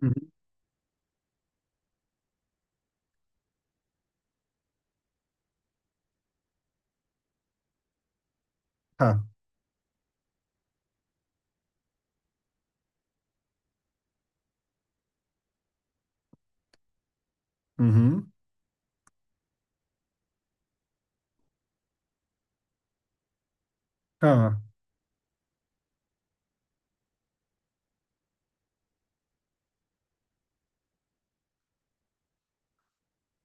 Hı hı. Ha. Hı hı. Ha.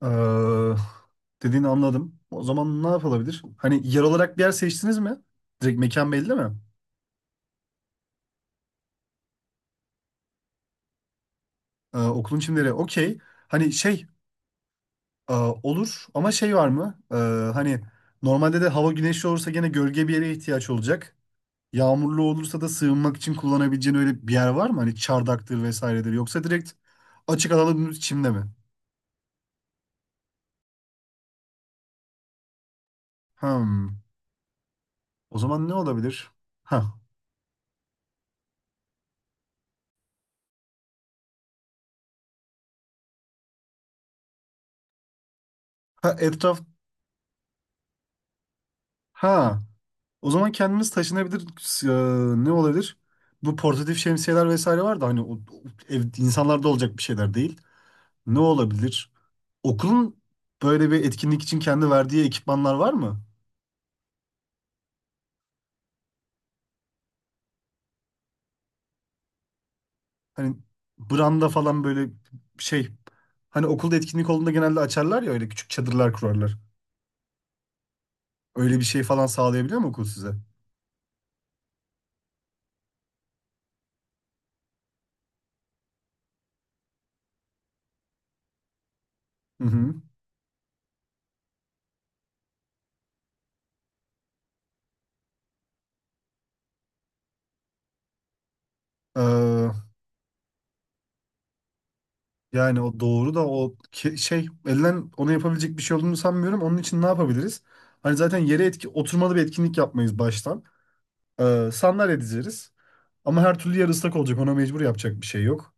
Ee, Dediğini anladım. O zaman ne yapılabilir? Hani yer olarak bir yer seçtiniz mi? Direkt mekan belli mi? Okulun çimleri. Okey. Hani şey olur ama şey var mı? Hani normalde de hava güneşli olursa gene gölge bir yere ihtiyaç olacak. Yağmurlu olursa da sığınmak için kullanabileceğin öyle bir yer var mı? Hani çardaktır vesairedir. Yoksa direkt açık alanın çimde mi? Hmm. O zaman ne olabilir? Ha. Ha etraf. Ha. O zaman kendimiz taşınabilir ne olabilir? Bu portatif şemsiyeler vesaire var da hani o ev, insanlarda olacak bir şeyler değil. Ne olabilir? Okulun böyle bir etkinlik için kendi verdiği ekipmanlar var mı? Hani branda falan böyle şey hani okulda etkinlik olduğunda genelde açarlar ya öyle küçük çadırlar kurarlar. Öyle bir şey falan sağlayabiliyor mu okul size? Hı hı. Yani o doğru da o ke- şey elden ona yapabilecek bir şey olduğunu sanmıyorum. Onun için ne yapabiliriz? Hani zaten yere etki oturmalı bir etkinlik yapmayız baştan. Sandalye dizeriz. Ama her türlü yer ıslak olacak. Ona mecbur yapacak bir şey yok.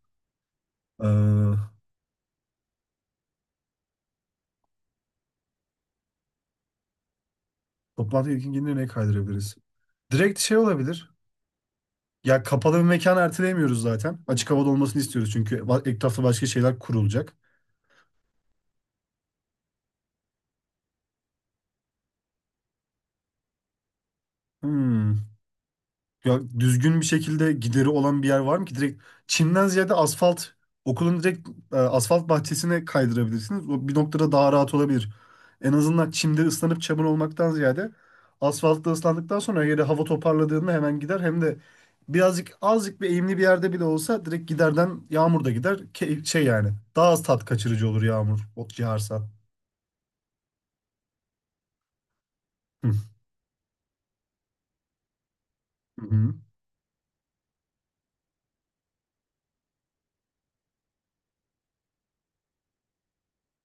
Ee, Toplantı etkinliğini ne kaydırabiliriz? Direkt şey olabilir. Ya kapalı bir mekan erteleyemiyoruz zaten. Açık havada olmasını istiyoruz çünkü va- etrafta başka şeyler kurulacak. Hmm. Ya düzgün bir şekilde gideri olan bir yer var mı ki? Direkt çimden ziyade asfalt, okulun direkt asfalt bahçesine kaydırabilirsiniz. O bir noktada daha rahat olabilir. En azından çimde ıslanıp çamur olmaktan ziyade asfaltta ıslandıktan sonra yere hava toparladığında hemen gider. Hem de birazcık azıcık bir eğimli bir yerde bile olsa direkt giderden yağmur da gider. Ke- şey yani daha az tat kaçırıcı olur yağmur ot yağarsa. Hı hı.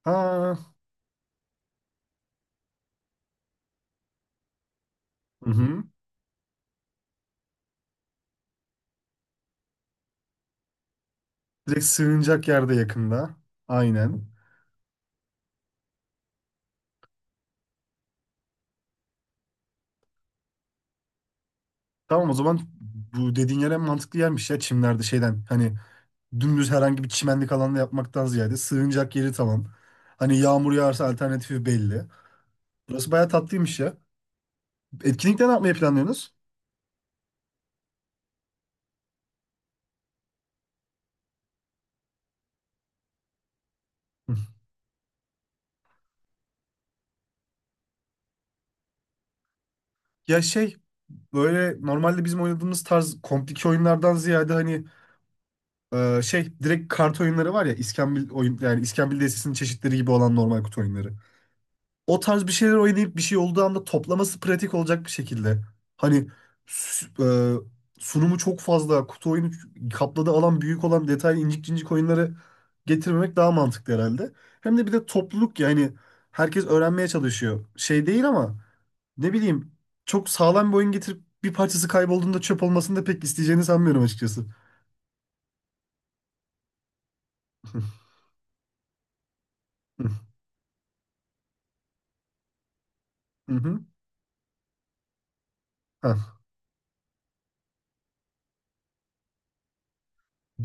Ha, hı hı. Direkt sığınacak yerde yakında. Aynen. Tamam o zaman bu dediğin yer en mantıklı yermiş ya çimlerde şeyden. Hani dümdüz herhangi bir çimenlik alanda yapmaktan ziyade sığınacak yeri tamam. Hani yağmur yağarsa alternatifi belli. Burası bayağı tatlıymış ya. Etkinlikte ne yapmayı planlıyorsunuz? Hı. Ya şey böyle normalde bizim oynadığımız tarz komplike oyunlardan ziyade hani şey direkt kart oyunları var ya İskambil oyun yani İskambil destesinin çeşitleri gibi olan normal kutu oyunları. O tarz bir şeyler oynayıp bir şey olduğu anda toplaması pratik olacak bir şekilde. Hani s- sunumu çok fazla, kutu oyunu kapladığı alan büyük olan detaylı incik cincik oyunları getirmemek daha mantıklı herhalde. Hem de bir de topluluk yani herkes öğrenmeye çalışıyor. Şey değil ama ne bileyim çok sağlam bir oyun getirip bir parçası kaybolduğunda çöp olmasını da pek isteyeceğini sanmıyorum açıkçası. Hı hı. hı. Hah.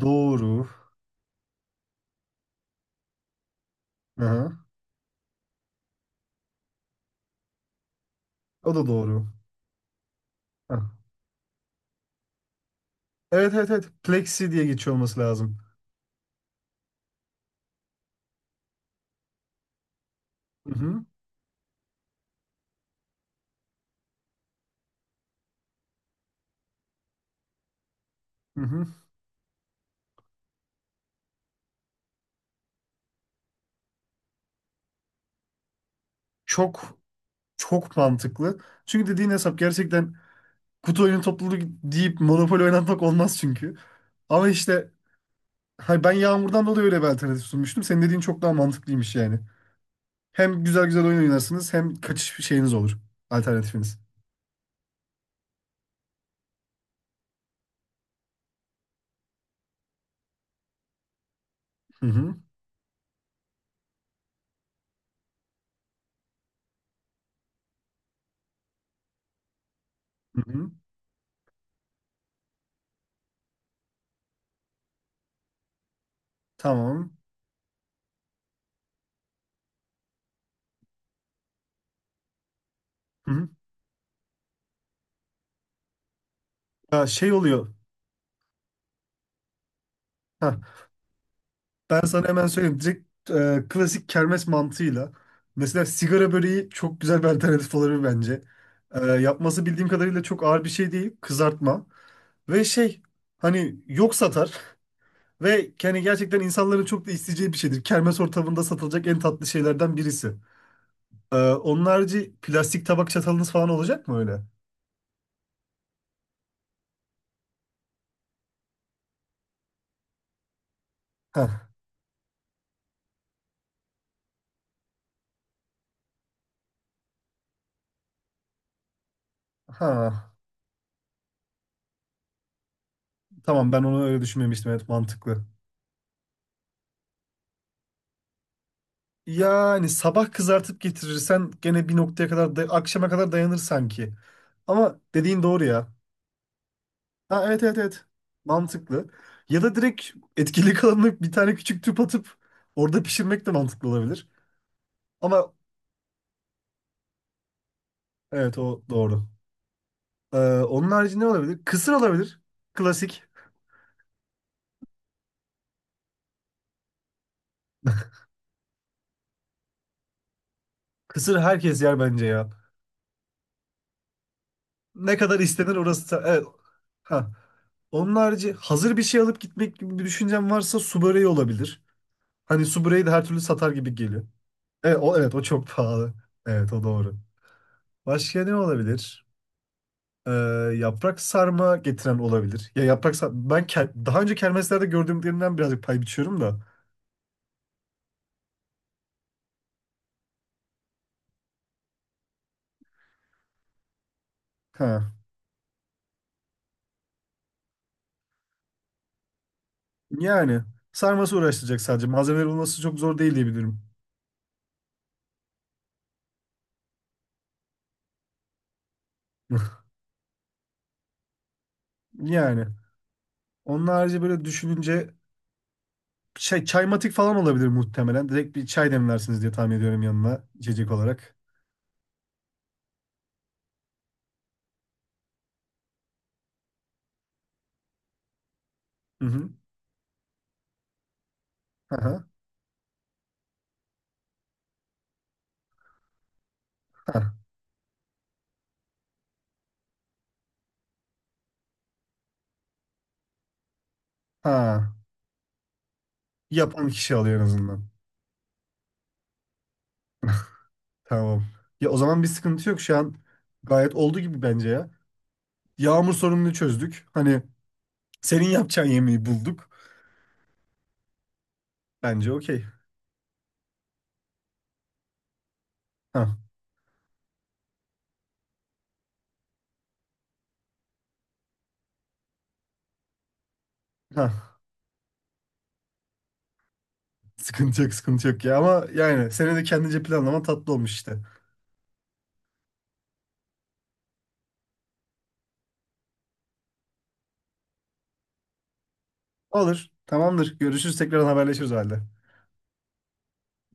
Doğru. Aha. O da doğru. Hah. Evet evet evet. Plexi diye geçiyor olması lazım. Hı hı, hı hı. Çok çok mantıklı. Çünkü dediğin hesap gerçekten kutu oyunu topluluğu deyip Monopoly oynatmak olmaz çünkü. Ama işte hay ben Yağmur'dan dolayı öyle bir alternatif sunmuştum. Senin dediğin çok daha mantıklıymış yani. Hem güzel güzel oyun oynarsınız hem kaçış şeyiniz olur. Alternatifiniz. Hı hı, hı hı. Tamam. Hı hı. Ya şey oluyor. Heh, ben sana hemen söyleyeyim. Direkt klasik kermes mantığıyla. Mesela sigara böreği çok güzel bir alternatif olabilir bence. Yapması bildiğim kadarıyla çok ağır bir şey değil. Kızartma. Ve şey hani yok satar. Ve yani gerçekten insanların çok da isteyeceği bir şeydir. Kermes ortamında satılacak en tatlı şeylerden birisi. Onun harici plastik tabak çatalınız falan olacak mı öyle? Ha, ha. Tamam ben onu öyle düşünmemiştim. Evet mantıklı. Yani sabah kızartıp getirirsen gene bir noktaya kadar da- akşama kadar dayanır sanki. Ama dediğin doğru ya. Ha, evet evet evet. Mantıklı. Ya da direkt etkili kalanını bir tane küçük tüp atıp orada pişirmek de mantıklı olabilir. Ama evet o doğru. Onun harici ne olabilir? Kısır olabilir. Klasik. Kısır herkes yer bence ya. Ne kadar istenir orası. Da- Evet. Ha. Onun harici hazır bir şey alıp gitmek gibi bir düşüncem varsa su böreği olabilir. Hani su böreği de her türlü satar gibi geliyor. Evet o, evet o çok pahalı. Evet o doğru. Başka ne olabilir? Ee, Yaprak sarma getiren olabilir. Ya yaprak sarma ben ke- daha önce kermeslerde gördüğümlerimden birazcık pay biçiyorum da. Ha. Yani sarması uğraştıracak sadece. Malzemeleri bulması çok zor değil diye biliyorum. Yani onun harici böyle düşününce şey çaymatik falan olabilir muhtemelen. Direkt bir çay demlersiniz diye tahmin ediyorum yanına içecek olarak. Hı hı. Aha. Ha. Ha. Yapan kişi alıyor en azından. Tamam. Ya o zaman bir sıkıntı yok şu an. Gayet oldu gibi bence ya. Yağmur sorununu çözdük. Hani senin yapacağın yemeği bulduk. Bence okey. Ha ha. Sıkıntı yok, sıkıntı yok ya. Ama yani seni de kendince planlaman tatlı olmuş işte. Olur. Tamamdır. Görüşürüz. Tekrar haberleşiriz o halde.